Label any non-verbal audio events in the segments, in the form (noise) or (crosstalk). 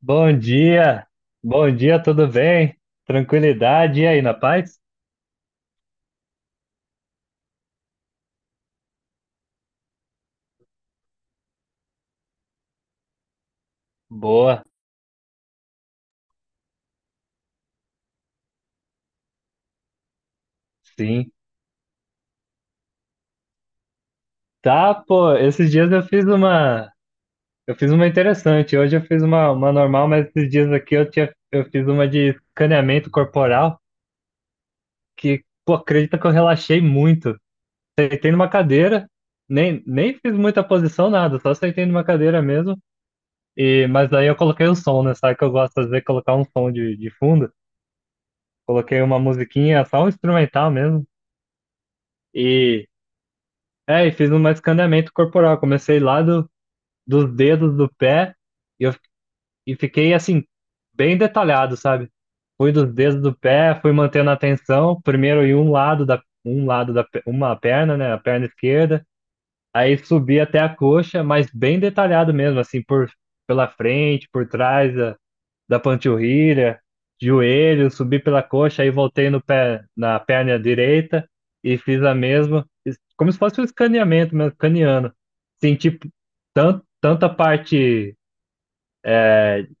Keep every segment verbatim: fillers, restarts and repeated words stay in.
Bom dia, bom dia, tudo bem? Tranquilidade, e aí, na paz? Boa, sim. Tá, pô, esses dias eu fiz uma, eu fiz uma interessante, hoje eu fiz uma, uma normal, mas esses dias aqui eu tinha, eu fiz uma de escaneamento corporal, que, pô, acredita que eu relaxei muito. Sentei numa cadeira, nem, nem fiz muita posição, nada, só sentei numa cadeira mesmo, e, mas aí eu coloquei o som, né, sabe que eu gosto de fazer, colocar um som de, de fundo, coloquei uma musiquinha, só um instrumental mesmo. E, é, e fiz um escaneamento corporal. Comecei lá do, dos dedos do pé e, eu, e fiquei assim, bem detalhado, sabe? Fui dos dedos do pé, fui mantendo a atenção, primeiro em um lado da, um lado da, pe- uma perna, né? A perna esquerda. Aí subi até a coxa, mas bem detalhado mesmo, assim, por, pela frente, por trás, da panturrilha, joelho, subi pela coxa, aí voltei no pé, na perna direita e fiz a mesma, es- como se fosse um escaneamento mesmo, escaneando. Senti tanto, tanto a parte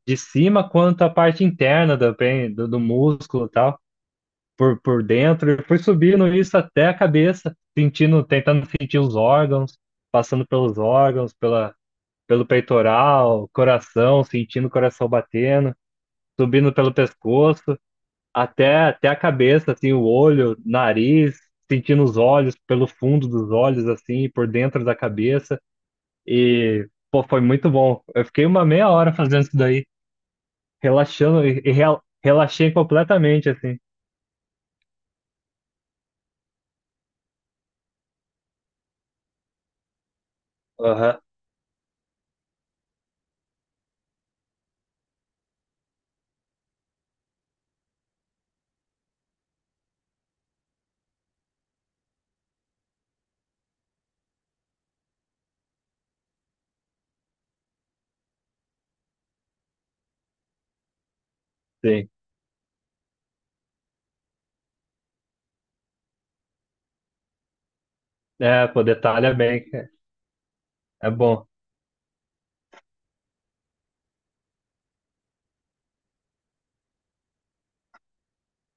de cima quanto a parte interna do, pen- do, do músculo e tal, por, por dentro. E fui subindo isso até a cabeça, sentindo, tentando sentir os órgãos, passando pelos órgãos, pela, pelo peitoral, coração, sentindo o coração batendo, subindo pelo pescoço. Até, até a cabeça, assim, o olho, nariz, sentindo os olhos pelo fundo dos olhos, assim, por dentro da cabeça. E, pô, foi muito bom. Eu fiquei uma meia hora fazendo isso daí, relaxando e, e rel- relaxei completamente, assim. Aham, sim. É, pô, detalha bem, é, é bom.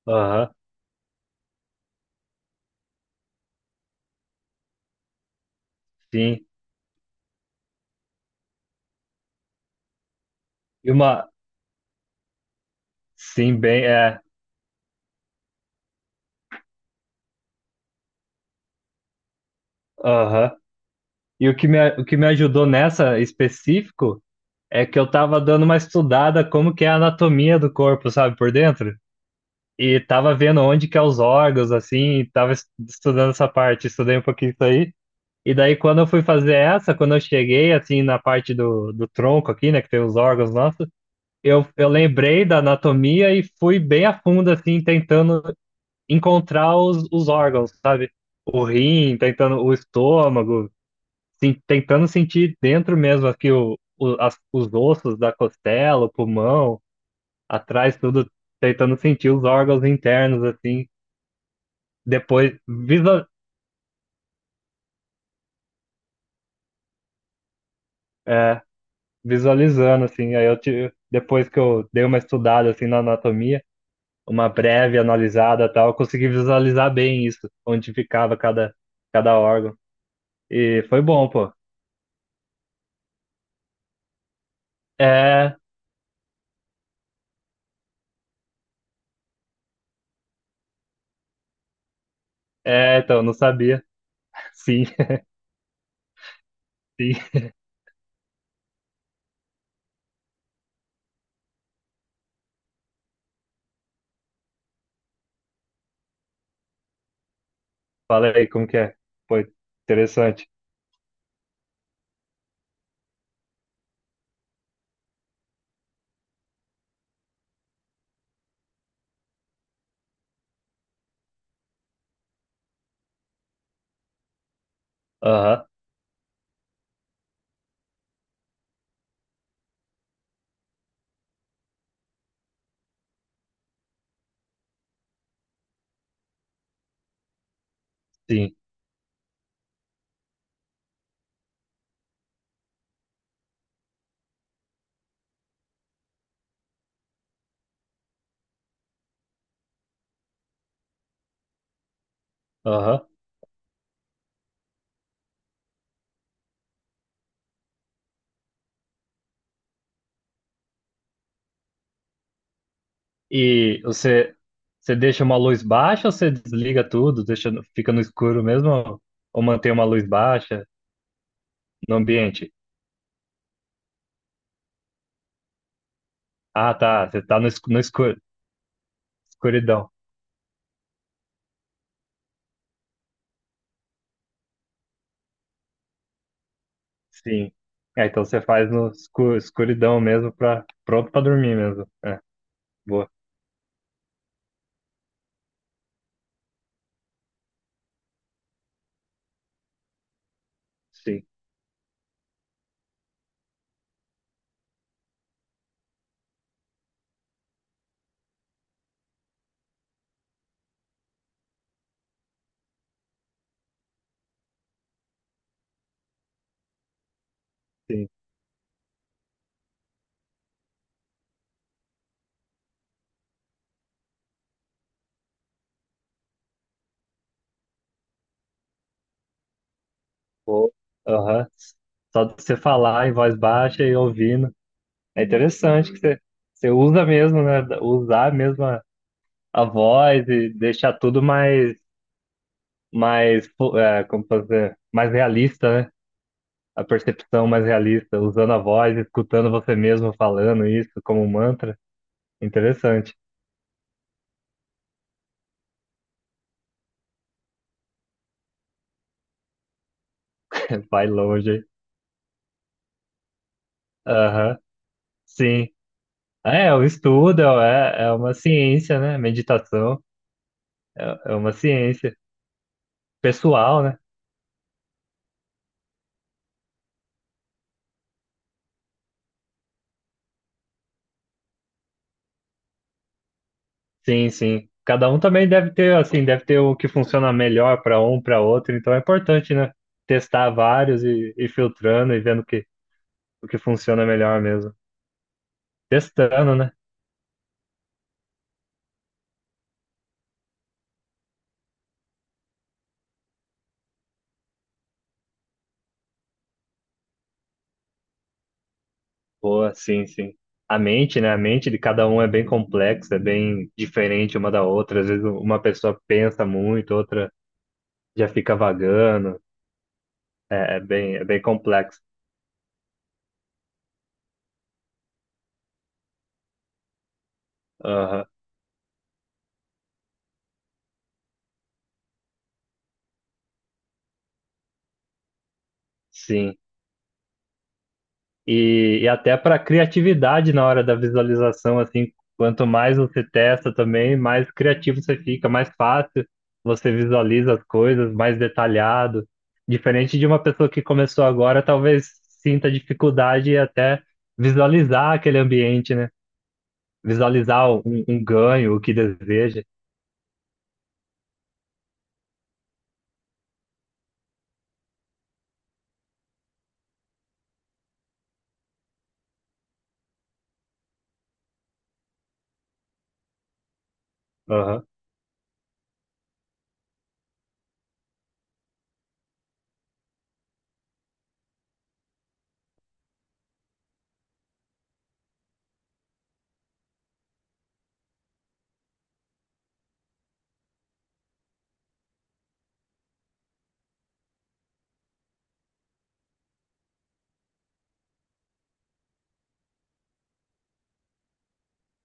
Aham, sim. E uma, sim, bem, é, aham. E o que me, o que me ajudou nessa específico é que eu tava dando uma estudada como que é a anatomia do corpo, sabe, por dentro. E tava vendo onde que é os órgãos, assim, e tava es- estudando essa parte, estudei um pouquinho isso aí. E daí, quando eu fui fazer essa, quando eu cheguei, assim, na parte do, do tronco aqui, né, que tem os órgãos nossos, eu, eu lembrei da anatomia e fui bem a fundo, assim, tentando encontrar os, os órgãos, sabe? O rim, tentando o estômago, sim, tentando sentir dentro mesmo aqui o, o, as, os ossos da costela, o pulmão, atrás tudo, tentando sentir os órgãos internos, assim depois visa, é, visualizando assim, aí eu tive, depois que eu dei uma estudada assim na anatomia, uma breve analisada, tal, eu consegui visualizar bem isso, onde ficava cada cada órgão. E foi bom, pô. É, é, então não sabia. Sim, (laughs) sim. Fala aí como que é. Foi interessante. Aham, sim. Aham. E você você deixa uma luz baixa ou você desliga tudo, deixa fica no escuro mesmo ou ou mantém uma luz baixa no ambiente? Ah, tá. Você tá no, escu- no escuro, escuridão. Sim. É, então você faz no escu- escuridão mesmo, pra, pronto pra dormir mesmo. É, boa. Sim, sim. Boa. Aham. Só de você falar em voz baixa e ouvindo. É interessante que você, você usa mesmo, né? Usar mesmo a, a voz e deixar tudo mais, mais, fo- é, como fazer, mais realista, né? A percepção mais realista, usando a voz, escutando você mesmo falando isso como um mantra. Interessante. Vai longe. Aham, sim. É, o estudo é, é é uma ciência, né? Meditação é, é uma ciência pessoal, né? Sim, sim. Cada um também deve ter, assim, deve ter o que funciona melhor para um, para outro. Então é importante, né? Testar vários e, e filtrando e vendo o que, o que funciona melhor mesmo. Testando, né? Boa, sim, sim. A mente, né? A mente de cada um é bem complexa, é bem diferente uma da outra. Às vezes uma pessoa pensa muito, outra já fica vagando. É, é bem, é bem complexo. Aham, sim. E, e até para criatividade na hora da visualização, assim, quanto mais você testa também, mais criativo você fica, mais fácil você visualiza as coisas, mais detalhado. Diferente de uma pessoa que começou agora, talvez sinta dificuldade até visualizar aquele ambiente, né? Visualizar um, um ganho, o que deseja. Aham,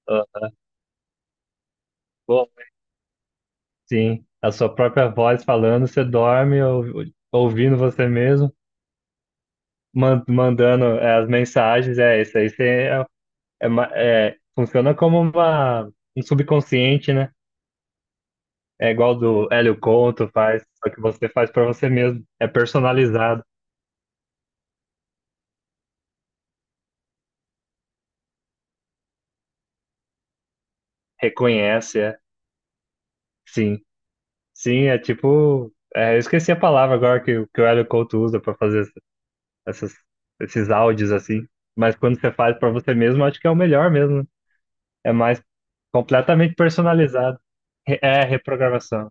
aham. Bom, sim, a sua própria voz falando, você dorme ou- ouvindo você mesmo. Man- mandando é, as mensagens, é isso aí. Você é, é, ma- é, funciona como uma, um subconsciente, né? É igual do Hélio Couto faz, só que você faz para você mesmo. É personalizado, reconhece, é. Sim, sim, é tipo. É, eu esqueci a palavra agora que, o- que o Hélio Couto usa para fazer essas, esses áudios assim. Mas quando você faz para você mesmo, acho que é o melhor mesmo. Né? É mais completamente personalizado. Re- É reprogramação.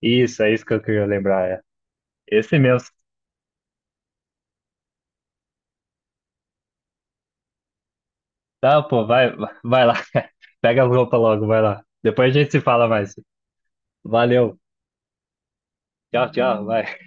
Isso, é isso que eu queria lembrar. É. Esse mesmo. Tá, pô, vai, vai lá. (laughs) Pega a roupa logo, vai lá. Depois a gente se fala mais. Valeu. Tchau, tchau, vai.